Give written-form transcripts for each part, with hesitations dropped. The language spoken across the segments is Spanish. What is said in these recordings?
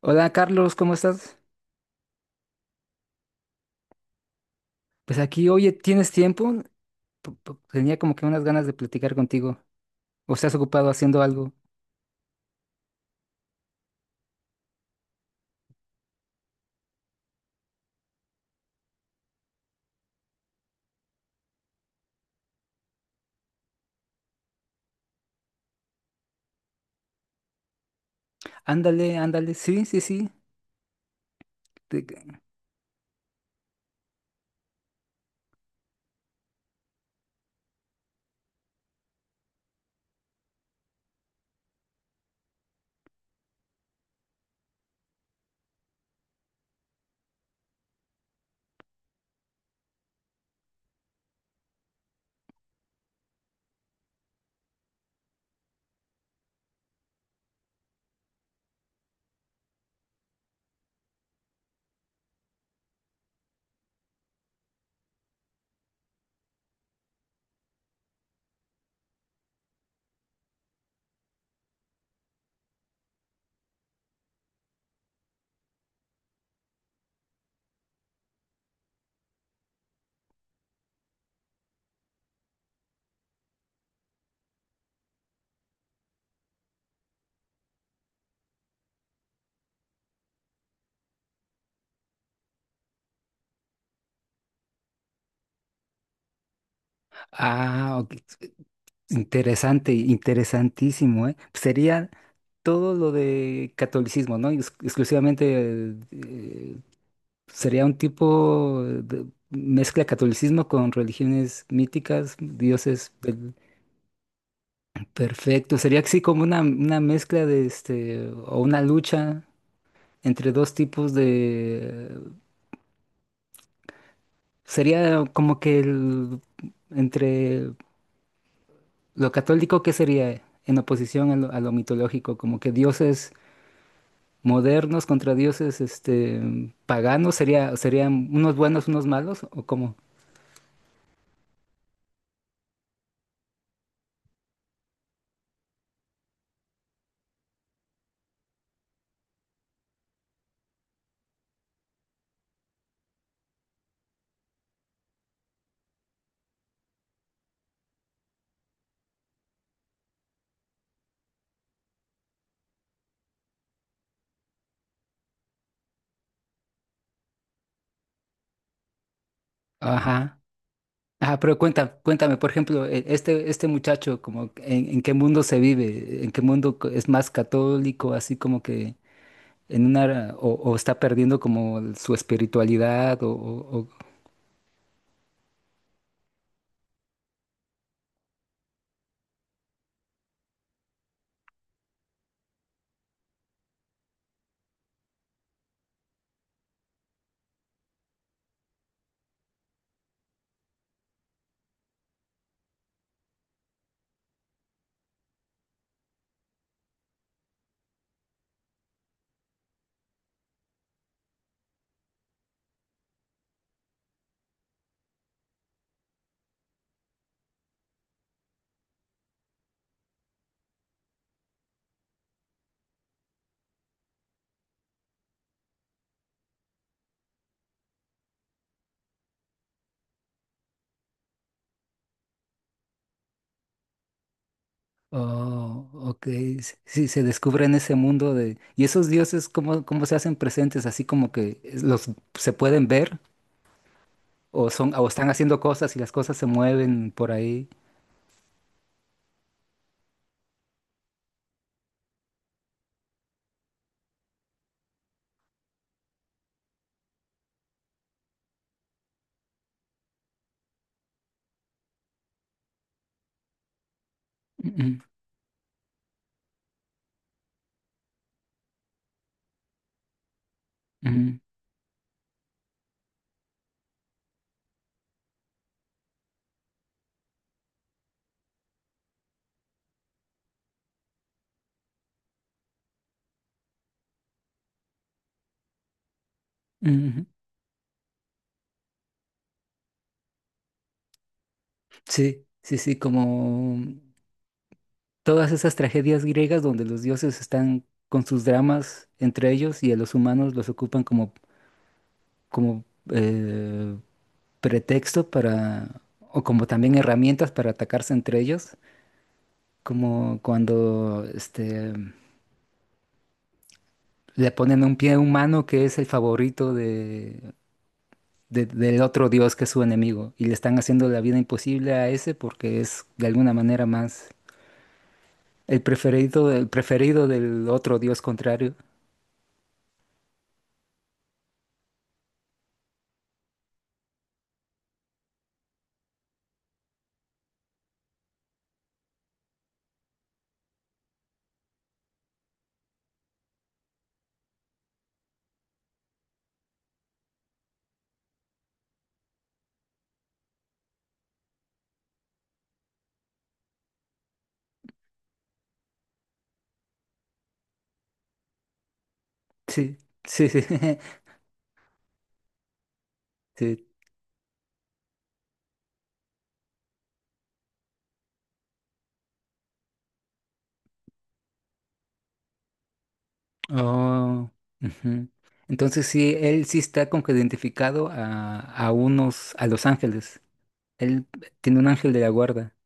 Hola Carlos, ¿cómo estás? Pues aquí, oye, ¿tienes tiempo? Tenía como que unas ganas de platicar contigo. ¿O estás ocupado haciendo algo? Ándale, ándale, sí, sí, sí. te- Ah, ok. Interesante, interesantísimo, ¿eh? Sería todo lo de catolicismo, ¿no? Exclusivamente sería un tipo de mezcla catolicismo con religiones míticas, dioses. Perfecto, sería así como una mezcla de este, o una lucha entre dos tipos de... Sería como que el- entre lo católico que sería en oposición a a lo mitológico, como que dioses modernos contra dioses paganos, sería, serían unos buenos, unos malos, o cómo. Ajá. Ah, pero cuéntame, cuéntame, por ejemplo, este, este muchacho, como en qué mundo se vive, en qué mundo es más católico, así como que en una o está perdiendo como su espiritualidad oh, ok. Sí, se descubre en ese mundo de y esos dioses cómo, cómo se hacen presentes así como que los se pueden ver o son o están haciendo cosas y las cosas se mueven por ahí. Ujú, ujú, ujú. Sí, sí, sí, como todas esas tragedias griegas donde los dioses están con sus dramas entre ellos y a los humanos los ocupan como como eh, pretexto para, o como también herramientas para atacarse entre ellos, como cuando este, le ponen un pie a un humano que es el favorito de, del otro dios que es su enemigo, y le están haciendo la vida imposible a ese porque es de alguna manera más el preferido del otro dios contrario. Sí, sí, sí, sí. Oh, ujú. Entonces sí, él sí está como que identificado a unos, a los ángeles. Él tiene un ángel de la guarda.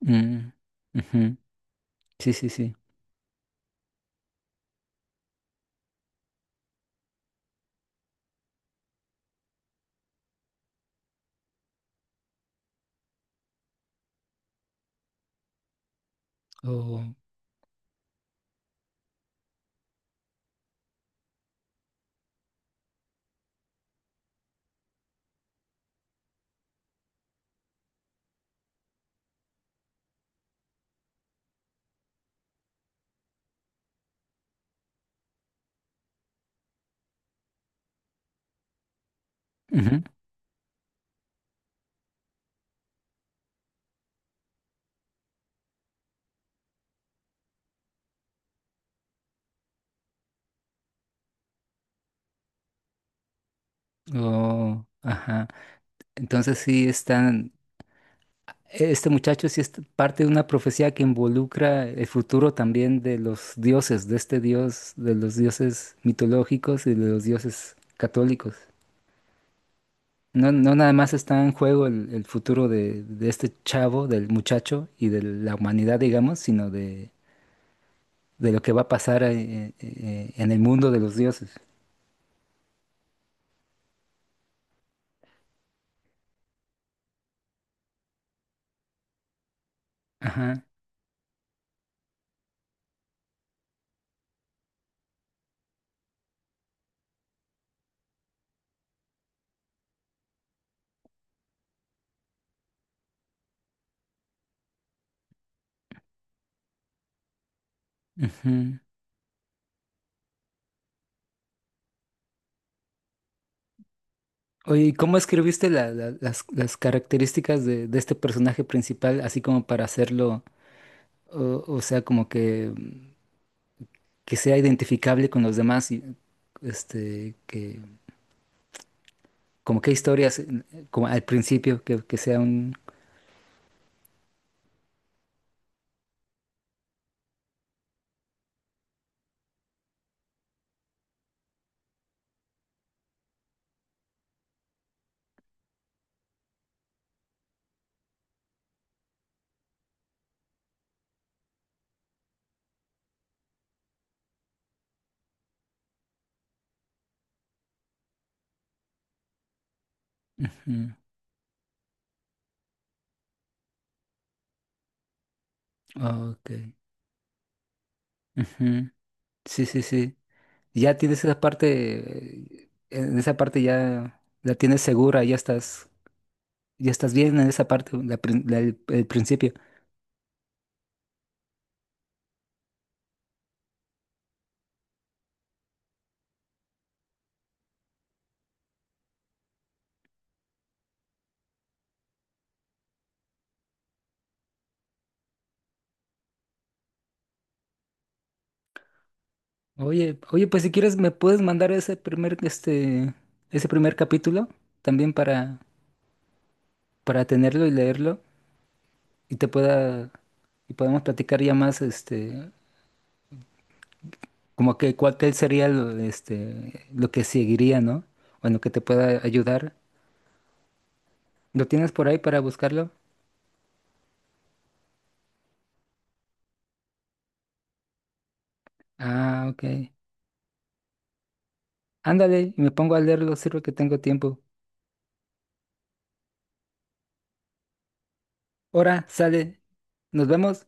Mm, ujú. Sí, sí, sí. Oh, ujú. Oh, ajá. Entonces sí están, este muchacho sí es parte de una profecía que involucra el futuro también de los dioses, de este dios, de los dioses mitológicos y de los dioses católicos. No, no nada más está en juego el futuro de este chavo, del muchacho y de la humanidad, digamos, sino de lo que va a pasar en el mundo de los dioses. Ajá. Ujú. Oye, ¿y cómo escribiste las características de este personaje principal, así como para hacerlo, o sea, como que, mm, que sea identificable con los demás y este, que, como qué historias, como al principio, que sea un... Ujú. Ok. Ujú. Sí, sí, sí. Ya tienes esa parte, en esa parte ya la tienes segura, ya estás bien en esa parte, el principio. Oye, oye, pues si quieres me puedes mandar ese primer, este, ese primer capítulo también para tenerlo y leerlo y te pueda, y podemos platicar ya más, este, como que cuál que sería lo, este, lo que seguiría, ¿no? Bueno, que te pueda ayudar. ¿Lo tienes por ahí para buscarlo? Ah, ok. Ándale, y me pongo a leerlo los sirve que tengo tiempo. Ahora, sale, nos vemos.